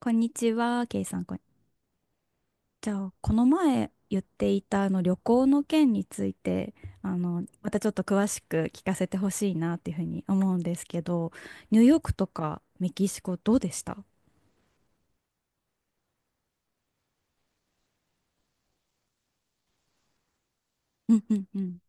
こんにちは、ケイさん。じゃあ、この前言っていたあの旅行の件について、またちょっと詳しく聞かせてほしいなっていうふうに思うんですけど、ニューヨークとかメキシコどうでした？うんうんうん。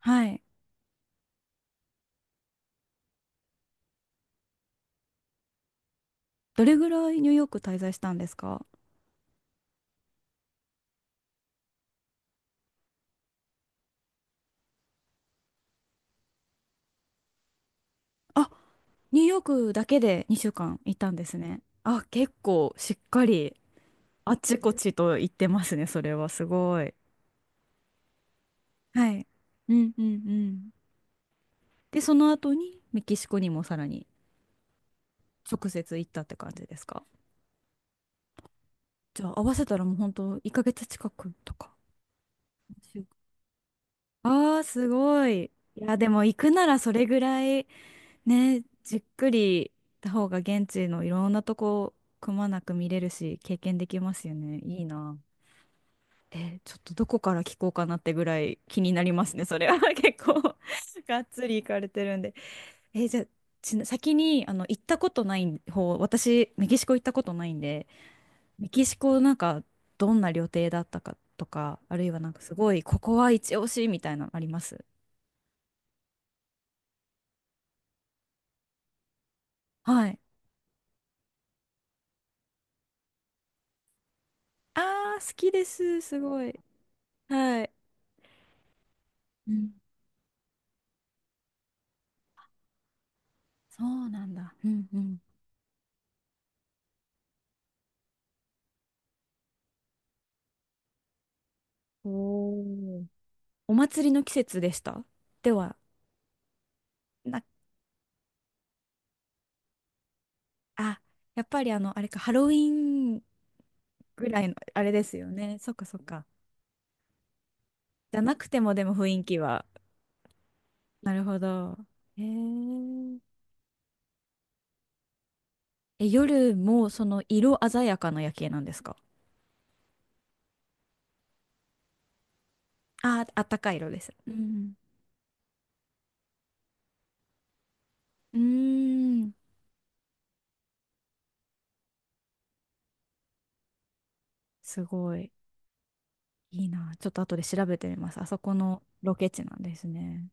はい。どれぐらいニューヨーク滞在したんですか？あ、ニューヨークだけで2週間いたんですね。あ、結構しっかりあちこちと行ってますね、それはすごい。はい。うんうんうん。で、その後にメキシコにもさらに。直接行ったって感じですか？じゃあ合わせたらもう本当1ヶ月近くとか。ああー、すごい。いや、でも行くならそれぐらいね、じっくり行った方が現地のいろんなとこくまなく見れるし、経験できますよね。いいな。え、ちょっとどこから聞こうかなってぐらい気になりますね、それは。結構がっつり行かれてるんで。え、じゃあ、先に行ったことない方、私、メキシコ行ったことないんで、メキシコなんかどんな旅程だったかとか、あるいはなんかすごい、ここは一押しみたいなのあります？はい。ああ、好きです。すごい。はい。うん。そうなんだ。うんうん。おー、お祭りの季節でした？では、な、あ、やっぱりあれか、ハロウィーンぐらいの、あれですよね。そっかそっか。じゃなくてもでも雰囲気は。なるほど。へー。え、夜もその色鮮やかな夜景なんですか？あー、あったかい色です。うん。うーん。すごい、いいな。ちょっと後で調べてみます。あそこのロケ地なんですね。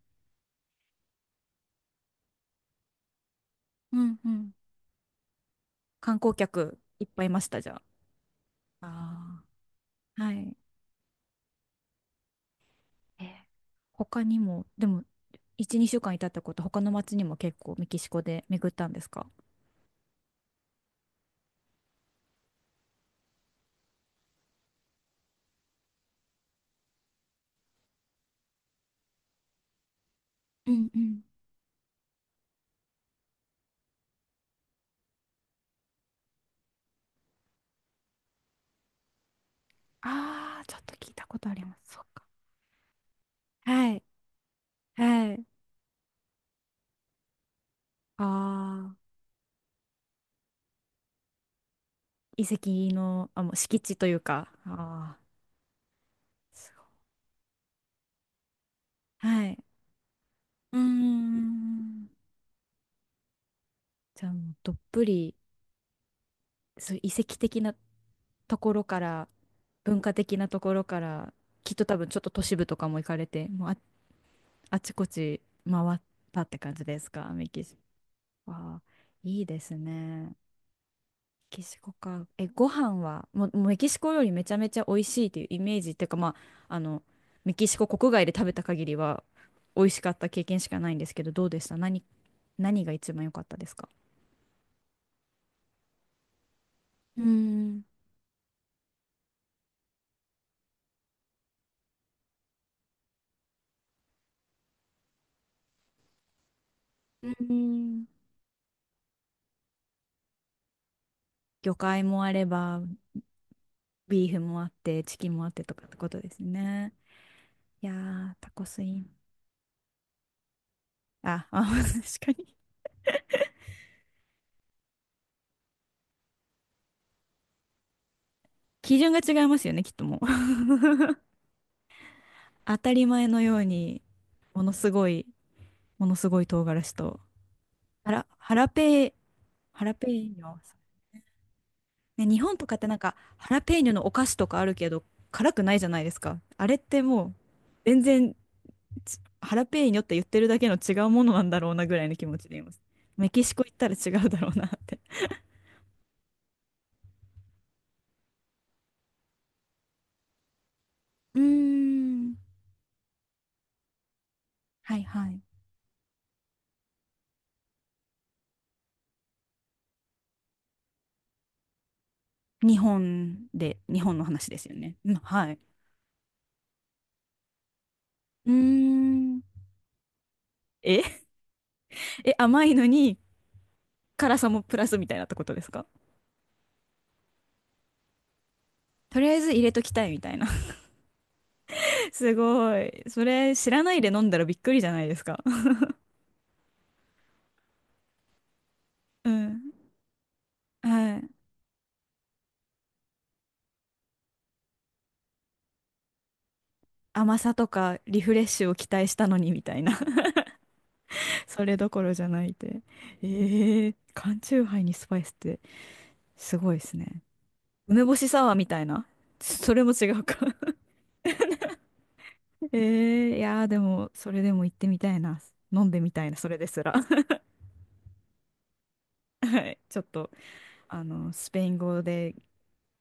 うんうん。観光客いっぱいいました、じゃあ？ああ。はい。えー他にも、でも、1、2週間いたってこと、他の町にも結構メキシコで巡ったんですか？うんうん。ああ、ちょっと聞いたことあります。そっか。はい。はい。ああ、遺跡の、あ、もう敷地というか。ああ、すごい。はい。うーん、じゃあもうどっぷりそういう遺跡的なところから文化的なところからきっと多分ちょっと都市部とかも行かれてもう、あ、あちこち回ったって感じですか？メキシコ、わあ、いいですね。メキシコか。え、ご飯はもうメキシコ料理めちゃめちゃ美味しいっていうイメージっていうか、まあ、メキシコ国外で食べた限りは美味しかった経験しかないんですけどどうでした？何が一番良かったですか？うーん。うーん、魚介もあれば、ビーフもあって、チキンもあってとかってことですね。いやー、タコスイン。あ、あ、確かに。基準が違いますよね、きっともう。当たり前のように、ものすごい、ものすごい唐辛子と、ハラ、ハラペー、ハラペーニョ。ね、日本とかってなんか、ハラペーニョのお菓子とかあるけど、辛くないじゃないですか。あれってもう、全然ハラペーニョって言ってるだけの違うものなんだろうなぐらいの気持ちでいます。メキシコ行ったら違うだろうなって。うーん。はいはい。日本の話ですよね。うん、はい。うーん。え え、甘いのに辛さもプラスみたいなってことですか？とりあえず入れときたいみたいな。すごい。それ知らないで飲んだらびっくりじゃないですか。うん。はい。甘さとかリフレッシュを期待したのにみたいな。 それどころじゃないって。ええ、缶チューハイにスパイスってすごいですね。梅干しサワーみたいな。それも違うか。いやーでも、それでも行ってみたいな。飲んでみたいな、それですら。はい。ちょっと、スペイン語で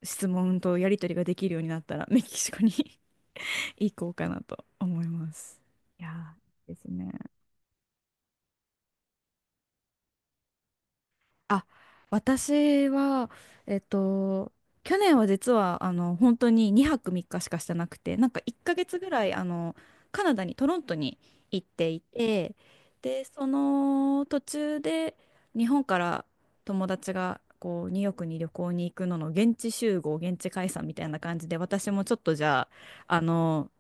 質問とやり取りができるようになったら、メキシコに 行こうかなと思います。いやー、いいですね。あ、私は、えっと、去年は実は、本当に2泊3日しかしてなくて、なんか1ヶ月ぐらい、カナダに、トロントに行っていて、で、その途中で、日本から友達が、こう、ニューヨークに旅行に行くのの現地集合、現地解散みたいな感じで、私もちょっとじゃあ、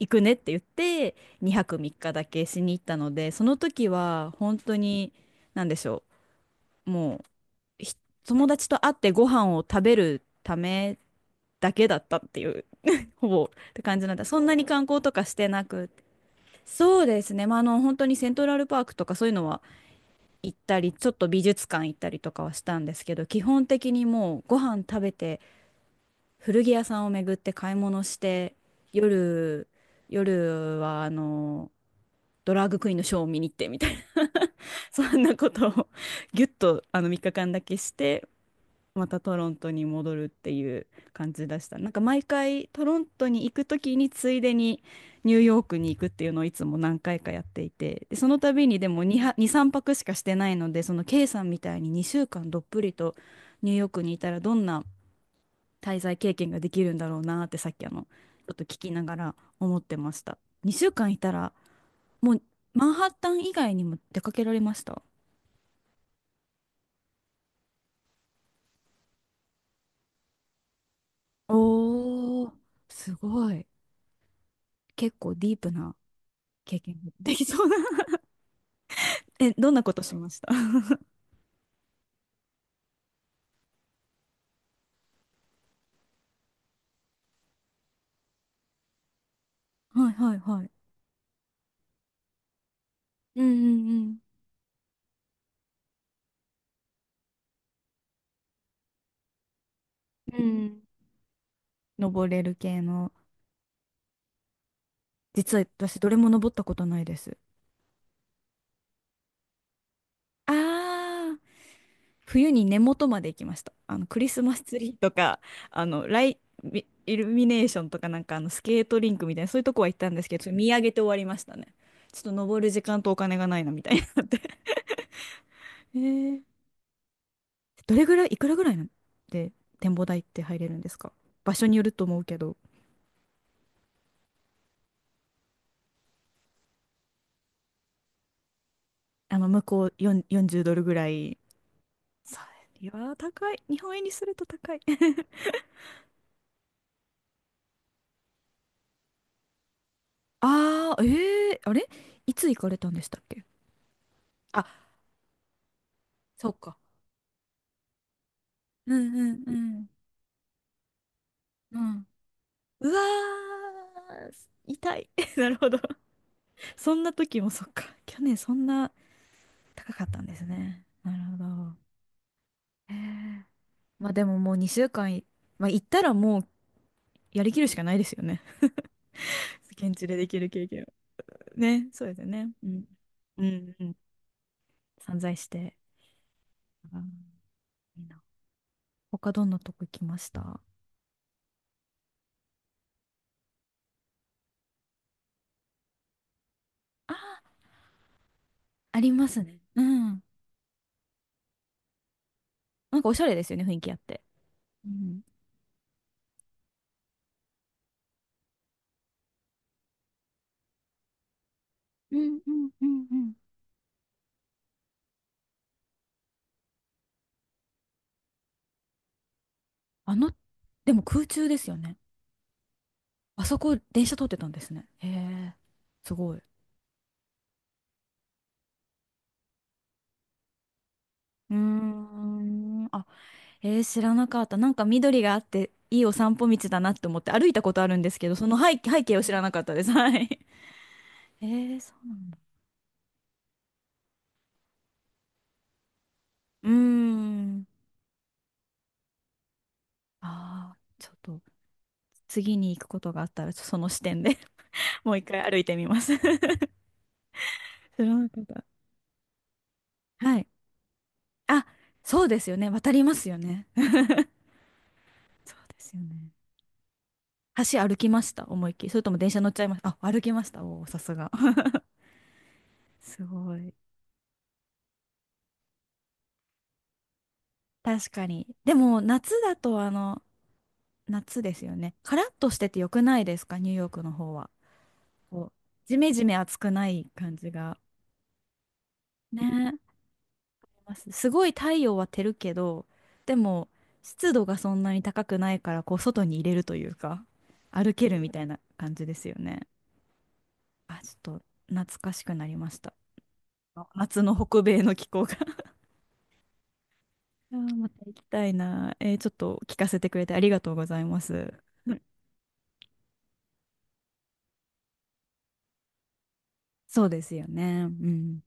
行くねって言って、2泊3日だけしに行ったので、その時は、本当に、なんでしょう、もう。ひ友達と会ってご飯を食べるためだけだったっていう、ほぼって感じなんだ。そんなに観光とかしてなく、そうですね。まあ、本当にセントラルパークとかそういうのは行ったり、ちょっと美術館行ったりとかはしたんですけど、基本的にもうご飯食べて、古着屋さんを巡って買い物して、夜、夜はドラァグクイーンのショーを見に行ってみたいな、そんなことをぎゅっと3日間だけして、またトロントに戻るっていう感じでした。なんか毎回トロントに行く時についでにニューヨークに行くっていうのをいつも何回かやっていて、でその度にでも2は、2、3泊しかしてないので、その K さんみたいに2週間どっぷりとニューヨークにいたらどんな滞在経験ができるんだろうなってさっきちょっと聞きながら思ってました。2週間いたらもうマンハッタン以外にも出かけられました？おー、すごい。結構ディープな経験できそうな。 え、どんなことしました？ はいはいはい。うんうんうん。うん。登れる系の。実は私どれも登ったことないです。ああ、冬に根元まで行きました。クリスマスツリーとか、ライ、イイルミネーションとかなんかスケートリンクみたいな、そういうとこは行ったんですけど、ちょっと見上げて終わりましたね。ちょっと登る時間とお金がないなみたいになって、えー、どれぐらい、いくらぐらいなんで展望台って入れるんですか？場所によると思うけど。あの、向こう4、40ドルぐらい。そう、いやー、高い。日本円にすると高い。ああ、ええ、あれいつ行かれたんでしたっけ？あ、そうか。うんうんうんうん、うわー、痛い。なるほど。そんな時もそっか。去年そんな高かったんですね。なるほど。へえ、まあでももう2週間い、まあ、行ったらもうやりきるしかないですよね。現地でできる経験をね、そうですよね。うん。うんうん、散財して。うん、いいな。他どんなとこ行きました？あー、ありますね。うん。なんかおしゃれですよね、雰囲気あって。うん、うんうんうんうん、あの、でも空中ですよね。あそこ電車通ってたんですね。へえ、すごい。うーん。あ、知らなかった。なんか緑があって、いいお散歩道だなって思って歩いたことあるんですけど、その背景を知らなかったです。はい。そうなんだ。うーん。ああ、ちょっと次に行くことがあったら、その視点で もう一回歩いてみます。 知らなかった。はい。あ、そうですよね。渡りますよね。そうですよね。橋歩きました？思いっきり？それとも電車乗っちゃいました？あ、歩きました。おお、さすが。すごい。確かに。でも、夏だと、夏ですよね。カラッとしててよくないですか？ニューヨークの方は。こう、ジメジメ暑くない感じが。ね、ますすごい太陽は照るけど、でも湿度がそんなに高くないから、こう外に入れるというか、歩けるみたいな感じですよね。あ、ちょっと懐かしくなりました。あ、夏の北米の気候が。 あー、また行きたいな。ちょっと聞かせてくれてありがとうございます。そうですよね。うん。